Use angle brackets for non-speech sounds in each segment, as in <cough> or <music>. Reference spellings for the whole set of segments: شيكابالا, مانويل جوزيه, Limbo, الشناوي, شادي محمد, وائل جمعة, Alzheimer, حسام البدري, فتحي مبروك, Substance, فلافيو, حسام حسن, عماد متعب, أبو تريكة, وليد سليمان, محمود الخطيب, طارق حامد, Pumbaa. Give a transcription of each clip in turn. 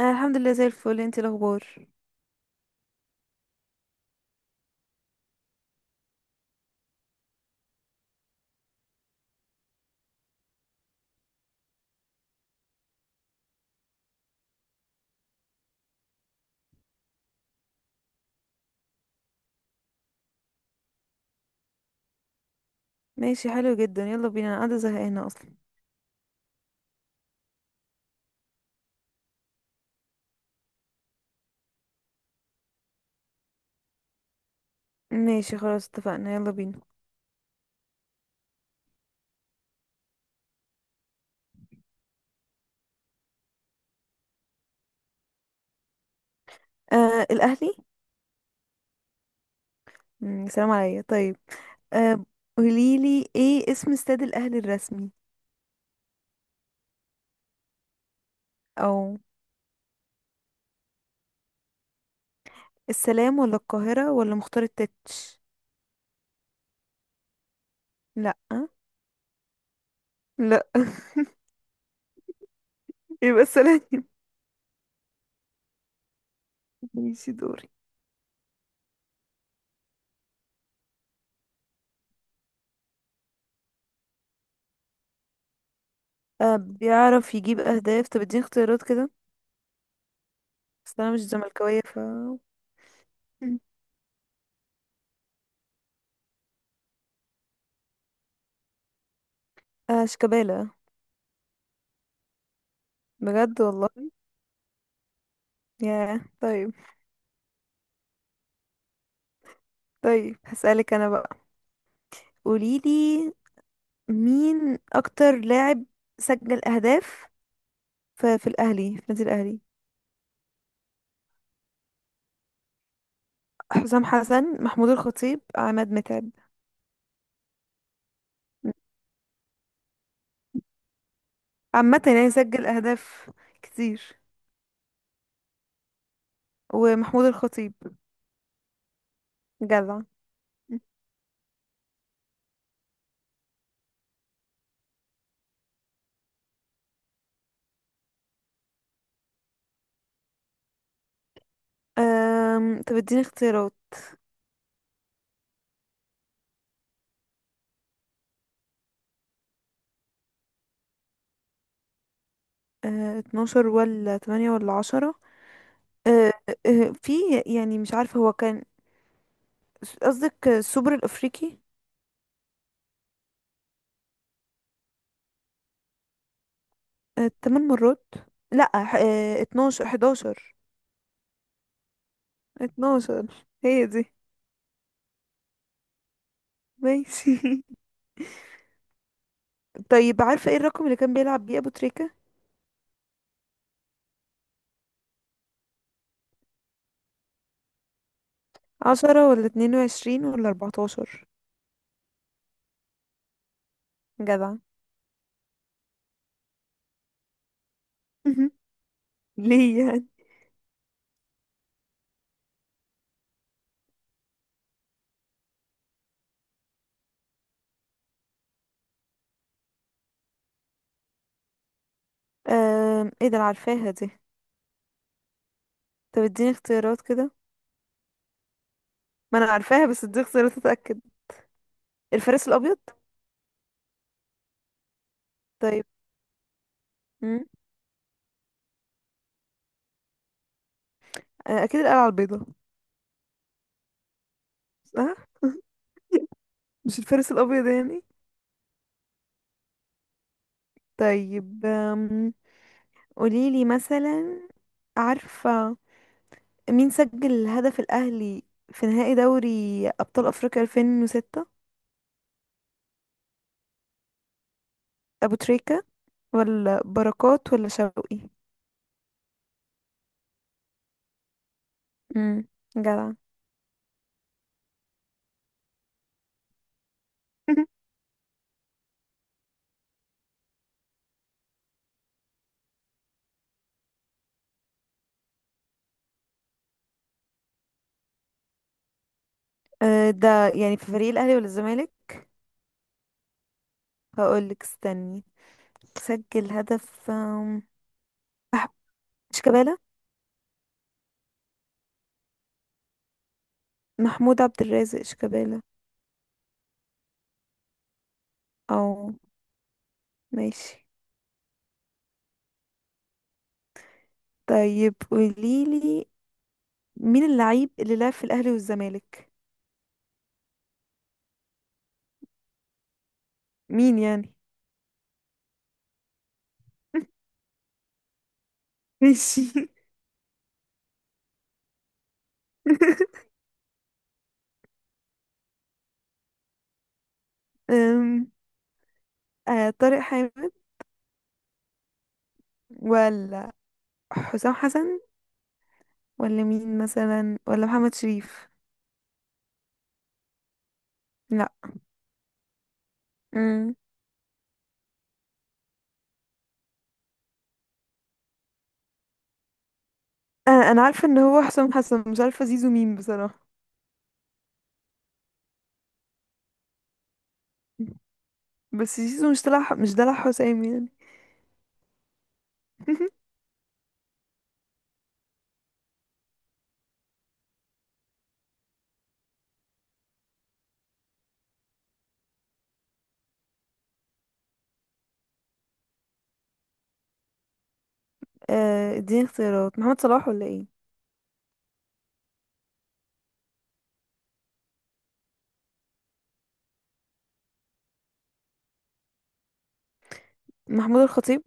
انا الحمد لله زي الفل. انتي الاخبار؟ ماشي، حلو جدا، يلا بينا، انا قاعده زهقانه اصلا. ماشي خلاص، اتفقنا، يلا بينا. آه، الاهلي. سلام عليا. طيب، آه، قوليلي ايه اسم استاد الاهلي الرسمي؟ او، السلام ولا القاهره ولا مختار التتش؟ لا. لا. <laughs> يبقى السلام. ماشي، دوري. آه، بيعرف يجيب اهداف. طب اديني اختيارات كده. بس انا مش زملكاويه ف... آه، شيكابالا. بجد والله. ياه، طيب. طيب، هسألك انا بقى. قوليلي، مين اكتر لاعب سجل اهداف في الاهلي، في النادي الاهلي؟ حسام حسن، محمود الخطيب، عماد متعب. عامة يعني سجل اهداف كتير. ومحمود الخطيب. جدع. طب اديني اختيارات. آه، 12 ولا 8 ولا 10؟ آه، في يعني مش عارفة هو كان قصدك السوبر الأفريقي. آه، 8 مرات. لا، آه، 12 11. 12، هي دي. ماشي. <laughs> طيب، عارفة ايه الرقم اللي كان بيلعب بيه أبو تريكة؟ 10 ولا 22 ولا 14؟ جدع. <laughs> ليه يعني؟ ايه ده، انا عارفاها دي. طب اديني اختيارات كده. ما انا عارفاها، بس اديني اختيارات اتأكد. الفارس الأبيض؟ طيب. مم. آه، اكيد القلعة البيضاء. صح. <laughs> مش الفارس الابيض يعني. طيب، قوليلي مثلا، عارفة مين سجل الهدف الاهلي في نهائي دوري ابطال افريقيا 2006؟ ابو تريكة ولا بركات ولا شوقي؟ امم جدع. <laughs> أه، ده يعني في فريق الاهلي ولا الزمالك؟ هقولك، استني. سجل هدف. أح- شيكابالا. محمود عبد الرازق شيكابالا. او، ماشي. طيب، قوليلي مين اللعيب اللي لعب في الأهلي والزمالك؟ مين يعني؟ <laughs> ماشي. <laughs> أم، آه، طارق حامد ولا حسام حسن ولا مين مثلا، ولا محمد شريف؟ لا. أم، آه، انا عارفه ان هو حسام حسن، مش عارفه زيزو مين بصراحه. بس زيزو مش طلع مش دلع حسام يعني. <laughs> آه، اديني اختيارات. محمد صلاح ولا ايه؟ محمود الخطيب.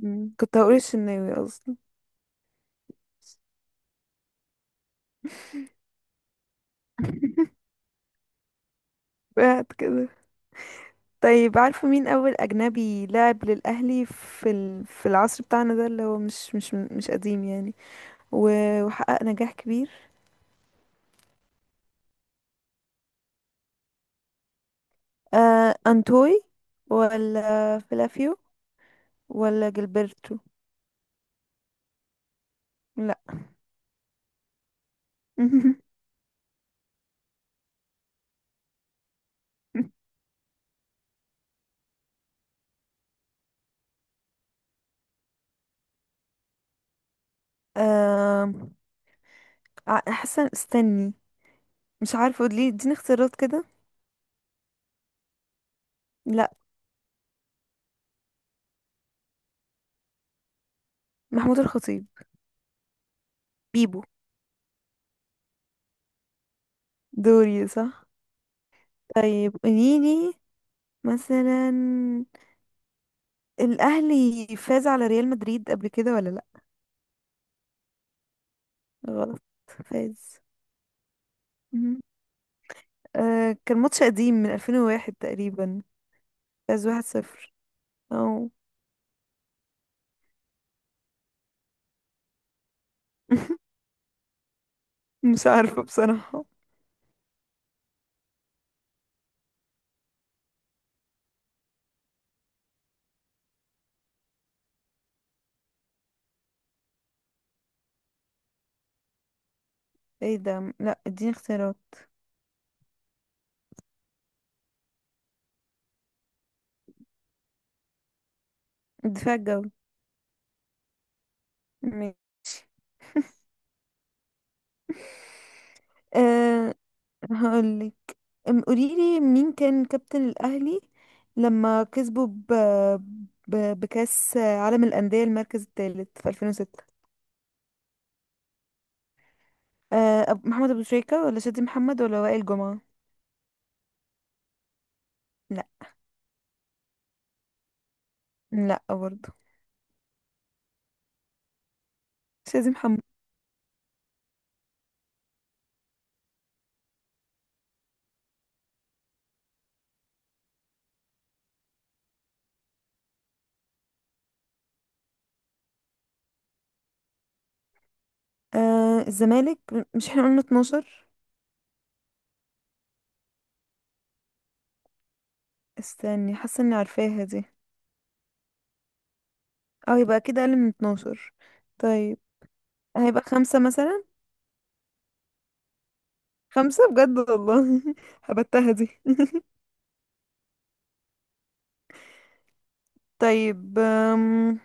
مم. كنت هقول الشناوي اصلا. <laughs> بعد كده. طيب، عارفة مين أول أجنبي لعب للأهلي في العصر بتاعنا ده، اللي هو مش قديم يعني، وحقق نجاح كبير؟ آه، أنتوي ولا فلافيو ولا جilberto؟ لا. <laughs> آه... حسن، استني. مش عارفة، ليه اديني اختيارات كده؟ لا، محمود الخطيب. بيبو. دوري، صح. طيب، قوليلي مثلا، الأهلي فاز على ريال مدريد قبل كده ولا لأ؟ غلط. فاز. مهم. آه، كان ماتش قديم من 2001 تقريبا. فاز 1-0. او. <laughs> مش عارفة بصراحة. ايه ده؟ لا، اديني اختيارات. الدفاع الجوي. ماشي. <laughs> أه، هقولك. قوليلي مين كان كابتن الأهلي لما كسبوا بكأس عالم الأندية المركز الثالث في 2006؟ محمد أبو شريكة ولا شادي محمد ولا وائل جمعة؟ لا. لا برضه. شادي محمد. آه، الزمالك، مش احنا قلنا 12؟ استني، حاسة اني عارفاها دي. اه، يبقى اكيد اقل من 12. طيب، هيبقى خمسة مثلا. خمسة، بجد والله. <laughs> هبتها دي. طيب،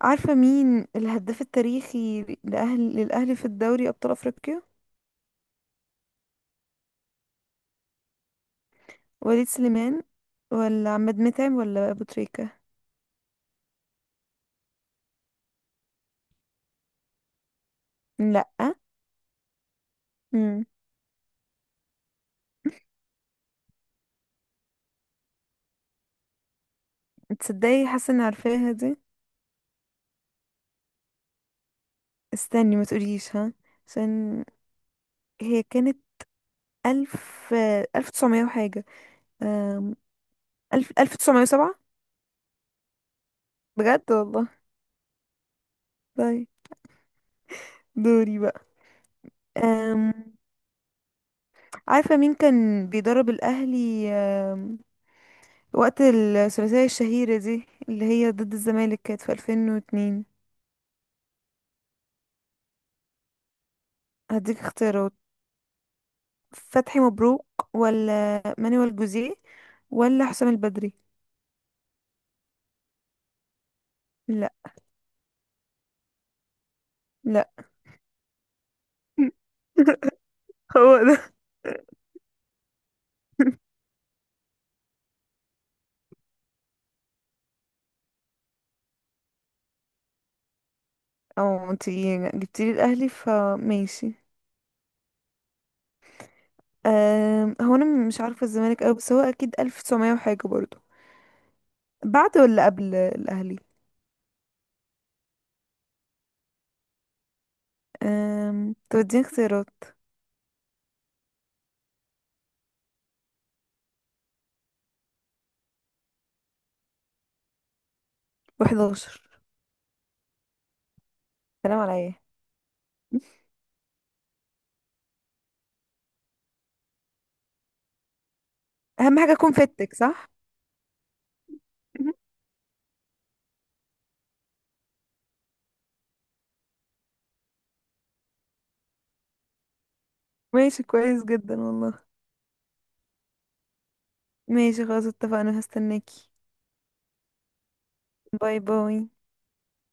عارفة مين الهداف التاريخي للأهلي في الدوري أبطال أفريقيا؟ وليد سليمان ولا عماد متعب ولا أبو تريكة؟ لأ. مم. تصدقي حاسة اني عارفاها دي. استني ما تقوليش، ها، عشان هي كانت ألف تسعمية وحاجة. أم... ألف تسعمية وسبعة. بجد والله. طيب، دوري بقى. أم... عارفة مين كان بيدرب الأهلي وقت الثلاثية الشهيرة دي اللي هي ضد الزمالك، كانت في 2002؟ هديك اختيارات. فتحي مبروك ولا مانويل جوزيه ولا حسام البدري؟ لا. لا. <laughs> هو ده. اه، انتي جبتيلي الأهلي فماشي. هو أنا مش عارفة الزمالك أوي، بس هو أكيد ألف تسعمية وحاجة برضه، بعد ولا قبل الأهلي؟ توديني اختيارات. و11. سلام على ايه. أهم حاجة أكون فيتك صح. <laughs> ماشي كويس جدا والله. ماشي خلاص، اتفقنا، هستناكي. باي باي.